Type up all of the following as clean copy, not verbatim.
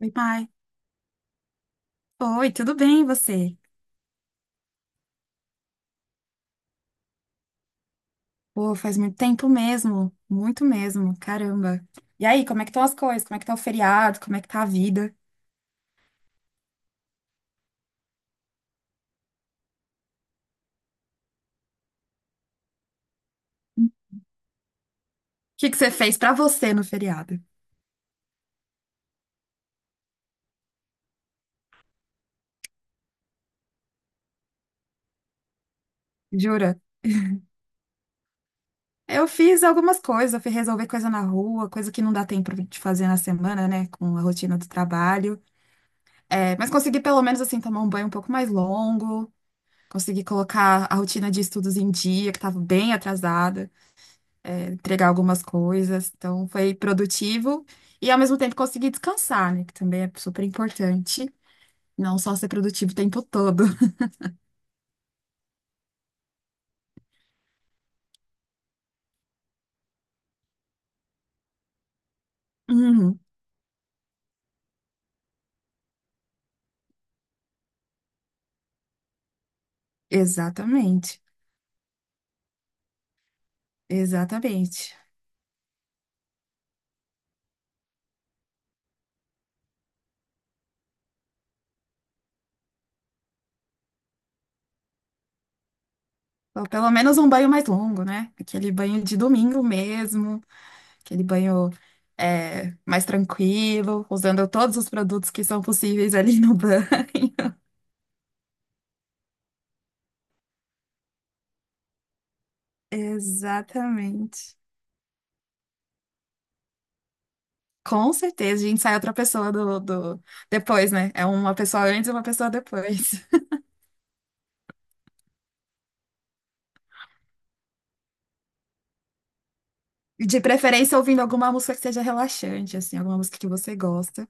Oi, pai. Oi, tudo bem, e você? Pô, faz muito tempo mesmo, muito mesmo, caramba. E aí, como é que estão as coisas? Como é que tá o feriado? Como é que tá a vida? O que que você fez pra você no feriado? Jura? Eu fiz algumas coisas, eu fui resolver coisa na rua, coisa que não dá tempo de fazer na semana, né, com a rotina do trabalho. É, mas consegui pelo menos, assim, tomar um banho um pouco mais longo, consegui colocar a rotina de estudos em dia, que estava bem atrasada. É, entregar algumas coisas. Então, foi produtivo e, ao mesmo tempo, consegui descansar, né? Que também é super importante. Não só ser produtivo o tempo todo. Uhum. Exatamente. Exatamente. Ou pelo menos um banho mais longo, né? Aquele banho de domingo mesmo, aquele banho é, mais tranquilo, usando todos os produtos que são possíveis ali no banho. Exatamente. Com certeza, a gente sai outra pessoa do... depois, né? É uma pessoa antes e uma pessoa depois. De preferência, ouvindo alguma música que seja relaxante, assim, alguma música que você gosta,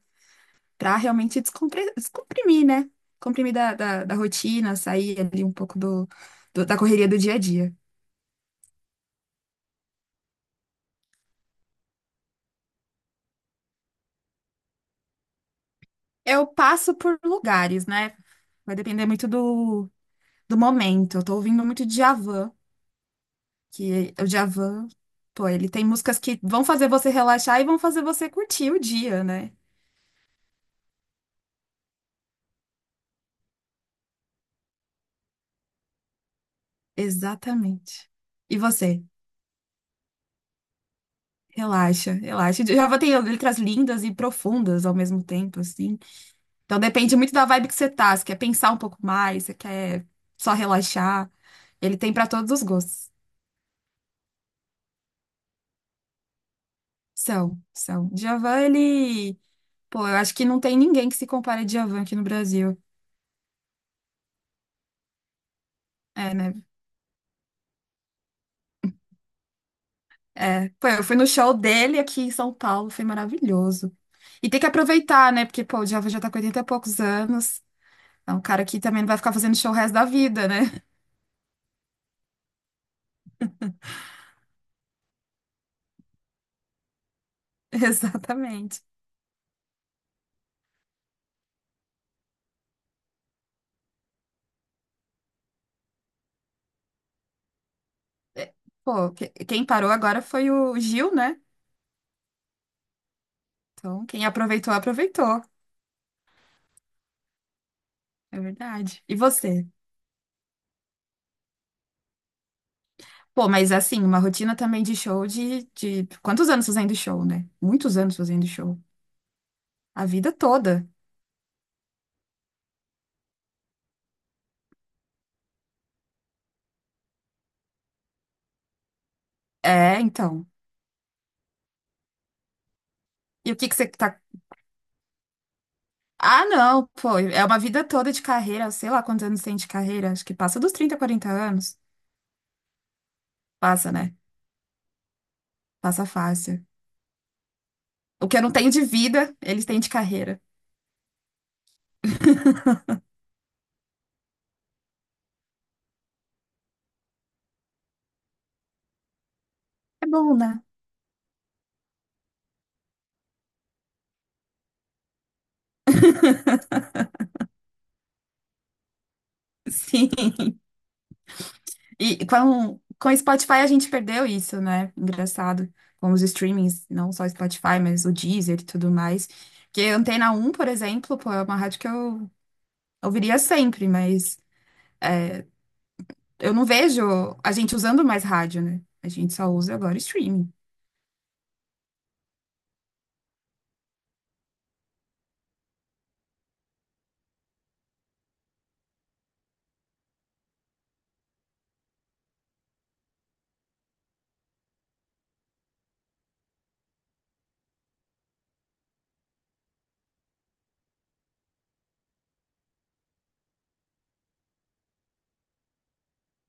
pra realmente descomprimir, né? Comprimir da rotina, sair ali um pouco da correria do dia a dia. Eu passo por lugares, né? Vai depender muito do, do momento. Eu tô ouvindo muito Djavan, que o Djavan, pô, ele tem músicas que vão fazer você relaxar e vão fazer você curtir o dia, né? Exatamente. E você? Relaxa, relaxa. Java tem letras lindas e profundas ao mesmo tempo, assim. Então depende muito da vibe que você tá. Você quer pensar um pouco mais, você quer só relaxar. Ele tem pra todos os gostos. São, são. Djavan, ele. Pô, eu acho que não tem ninguém que se compare a Djavan aqui no Brasil. É, né? É. Pô, eu fui no show dele aqui em São Paulo, foi maravilhoso. E tem que aproveitar, né? Porque, pô, o Djavan já tá com 80 e poucos anos. É um cara que também não vai ficar fazendo show o resto da vida, né? Exatamente. Pô, quem parou agora foi o Gil, né? Então, quem aproveitou, aproveitou. É verdade. E você? Pô, mas assim, uma rotina também de show de... Quantos anos fazendo show, né? Muitos anos fazendo show. A vida toda. É, então. E o que que você tá... Ah, não, pô, é uma vida toda de carreira. Sei lá quantos anos tem de carreira. Acho que passa dos 30 40 anos. Passa, né? Passa fácil. O que eu não tenho de vida, eles têm de carreira. É bom, né? Sim. E com o Spotify a gente perdeu isso, né? Engraçado. Com os streamings, não só o Spotify, mas o Deezer e tudo mais. Que a Antena um, por exemplo, pô, é uma rádio que eu ouviria sempre, mas eu não vejo a gente usando mais rádio, né? A gente só usa agora streaming.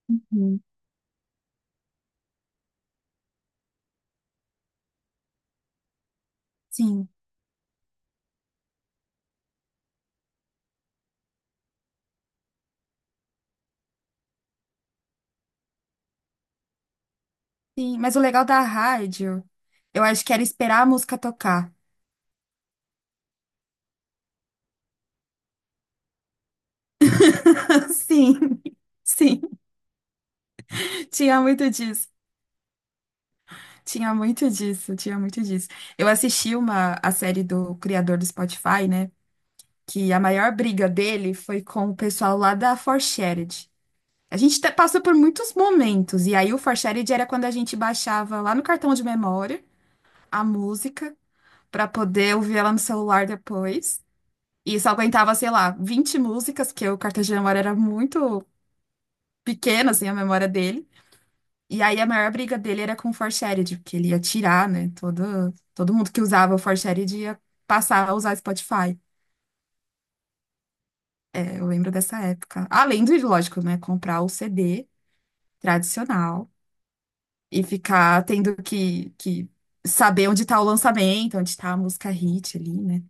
Uhum. Sim, sim. Mas o legal da rádio, eu acho que era esperar a música tocar. Sim, sim. Tinha muito disso. Tinha muito disso, tinha muito disso. Eu assisti uma a série do criador do Spotify, né? Que a maior briga dele foi com o pessoal lá da 4. Passou por muitos momentos, e aí o 4 era quando a gente baixava lá no cartão de memória a música pra poder ouvir ela no celular depois. E só aguentava, sei lá, 20 músicas, porque o cartão de memória era muito pequeno, assim, a memória dele. E aí a maior briga dele era com o Forshared, porque ele ia tirar, né? Todo mundo que usava o Forshared ia passar a usar Spotify. É, eu lembro dessa época. Além do lógico, né? Comprar o CD tradicional e ficar tendo que saber onde tá o lançamento, onde tá a música hit ali, né?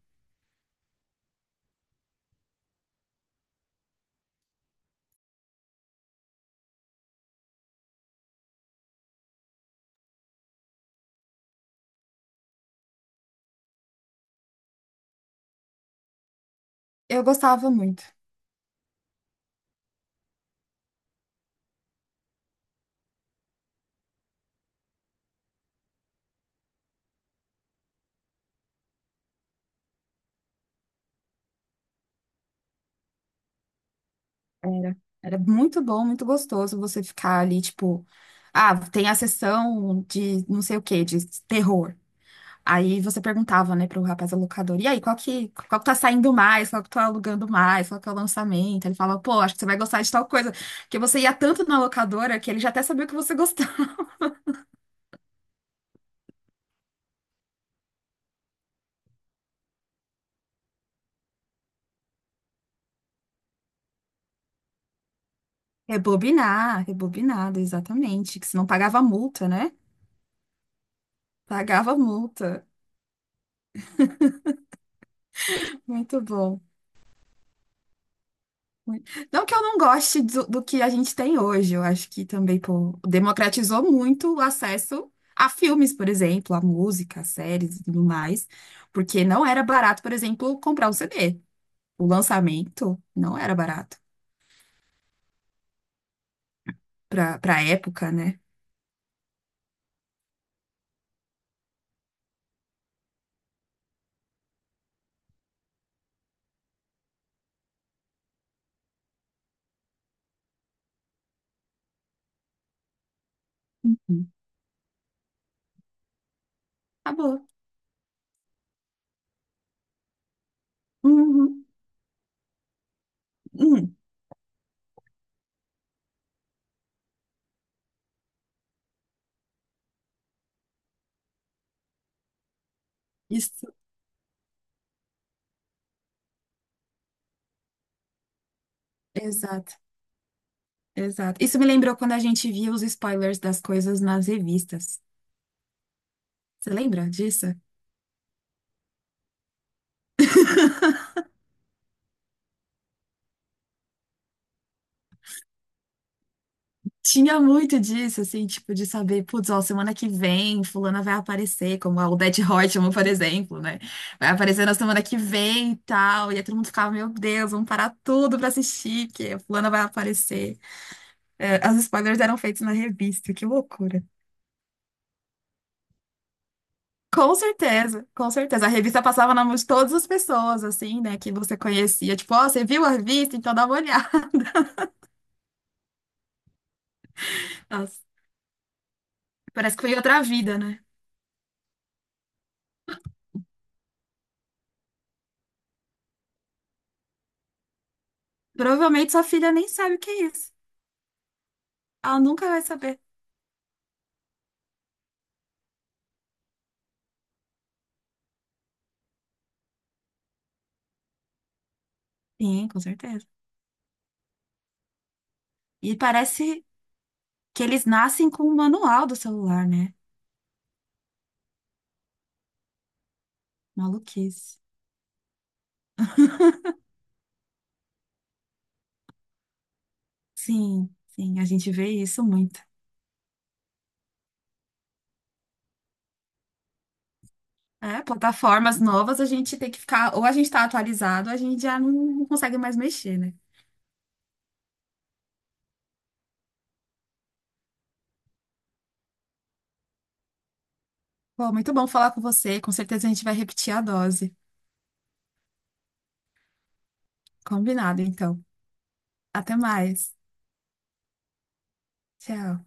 Eu gostava muito. Era. Era muito bom, muito gostoso você ficar ali, tipo, ah, tem a sessão de não sei o quê, de terror. Aí você perguntava, né, pro rapaz alocador, e aí, qual que tá saindo mais, qual que tá alugando mais, qual que é o lançamento? Ele falava, pô, acho que você vai gostar de tal coisa. Porque você ia tanto na locadora que ele já até sabia o que você gostava. Rebobinar, rebobinado, exatamente. Que se não pagava multa, né? Pagava multa. Muito bom. Não que eu não goste do, do que a gente tem hoje, eu acho que também, pô, democratizou muito o acesso a filmes, por exemplo, a música, a séries e tudo mais, porque não era barato, por exemplo, comprar um CD. O lançamento não era barato para época, né? Uhum. Acabou. Uhum. Uhum. Isso, exato, exato. Isso me lembrou quando a gente via os spoilers das coisas nas revistas. Você lembra disso? Tinha muito disso, assim, tipo, de saber, putz, ó, semana que vem, fulana vai aparecer, como a Odete Roitman, por exemplo, né? Vai aparecer na semana que vem e tal. E aí todo mundo ficava, meu Deus, vamos parar tudo pra assistir, que a fulana vai aparecer. É, as spoilers eram feitos na revista, que loucura. Com certeza, com certeza. A revista passava na mão de todas as pessoas, assim, né, que você conhecia. Tipo, ó, você viu a revista? Então dá uma olhada. Nossa, parece que foi outra vida, né? Provavelmente sua filha nem sabe o que é isso. Ela nunca vai saber. Sim, com certeza. E parece que eles nascem com o manual do celular, né? Maluquice. Sim, sim, a gente vê isso muito. É, plataformas novas a gente tem que ficar, ou a gente tá atualizado, ou a gente já não consegue mais mexer, né? Bom, muito bom falar com você. Com certeza a gente vai repetir a dose. Combinado, então. Até mais. Tchau.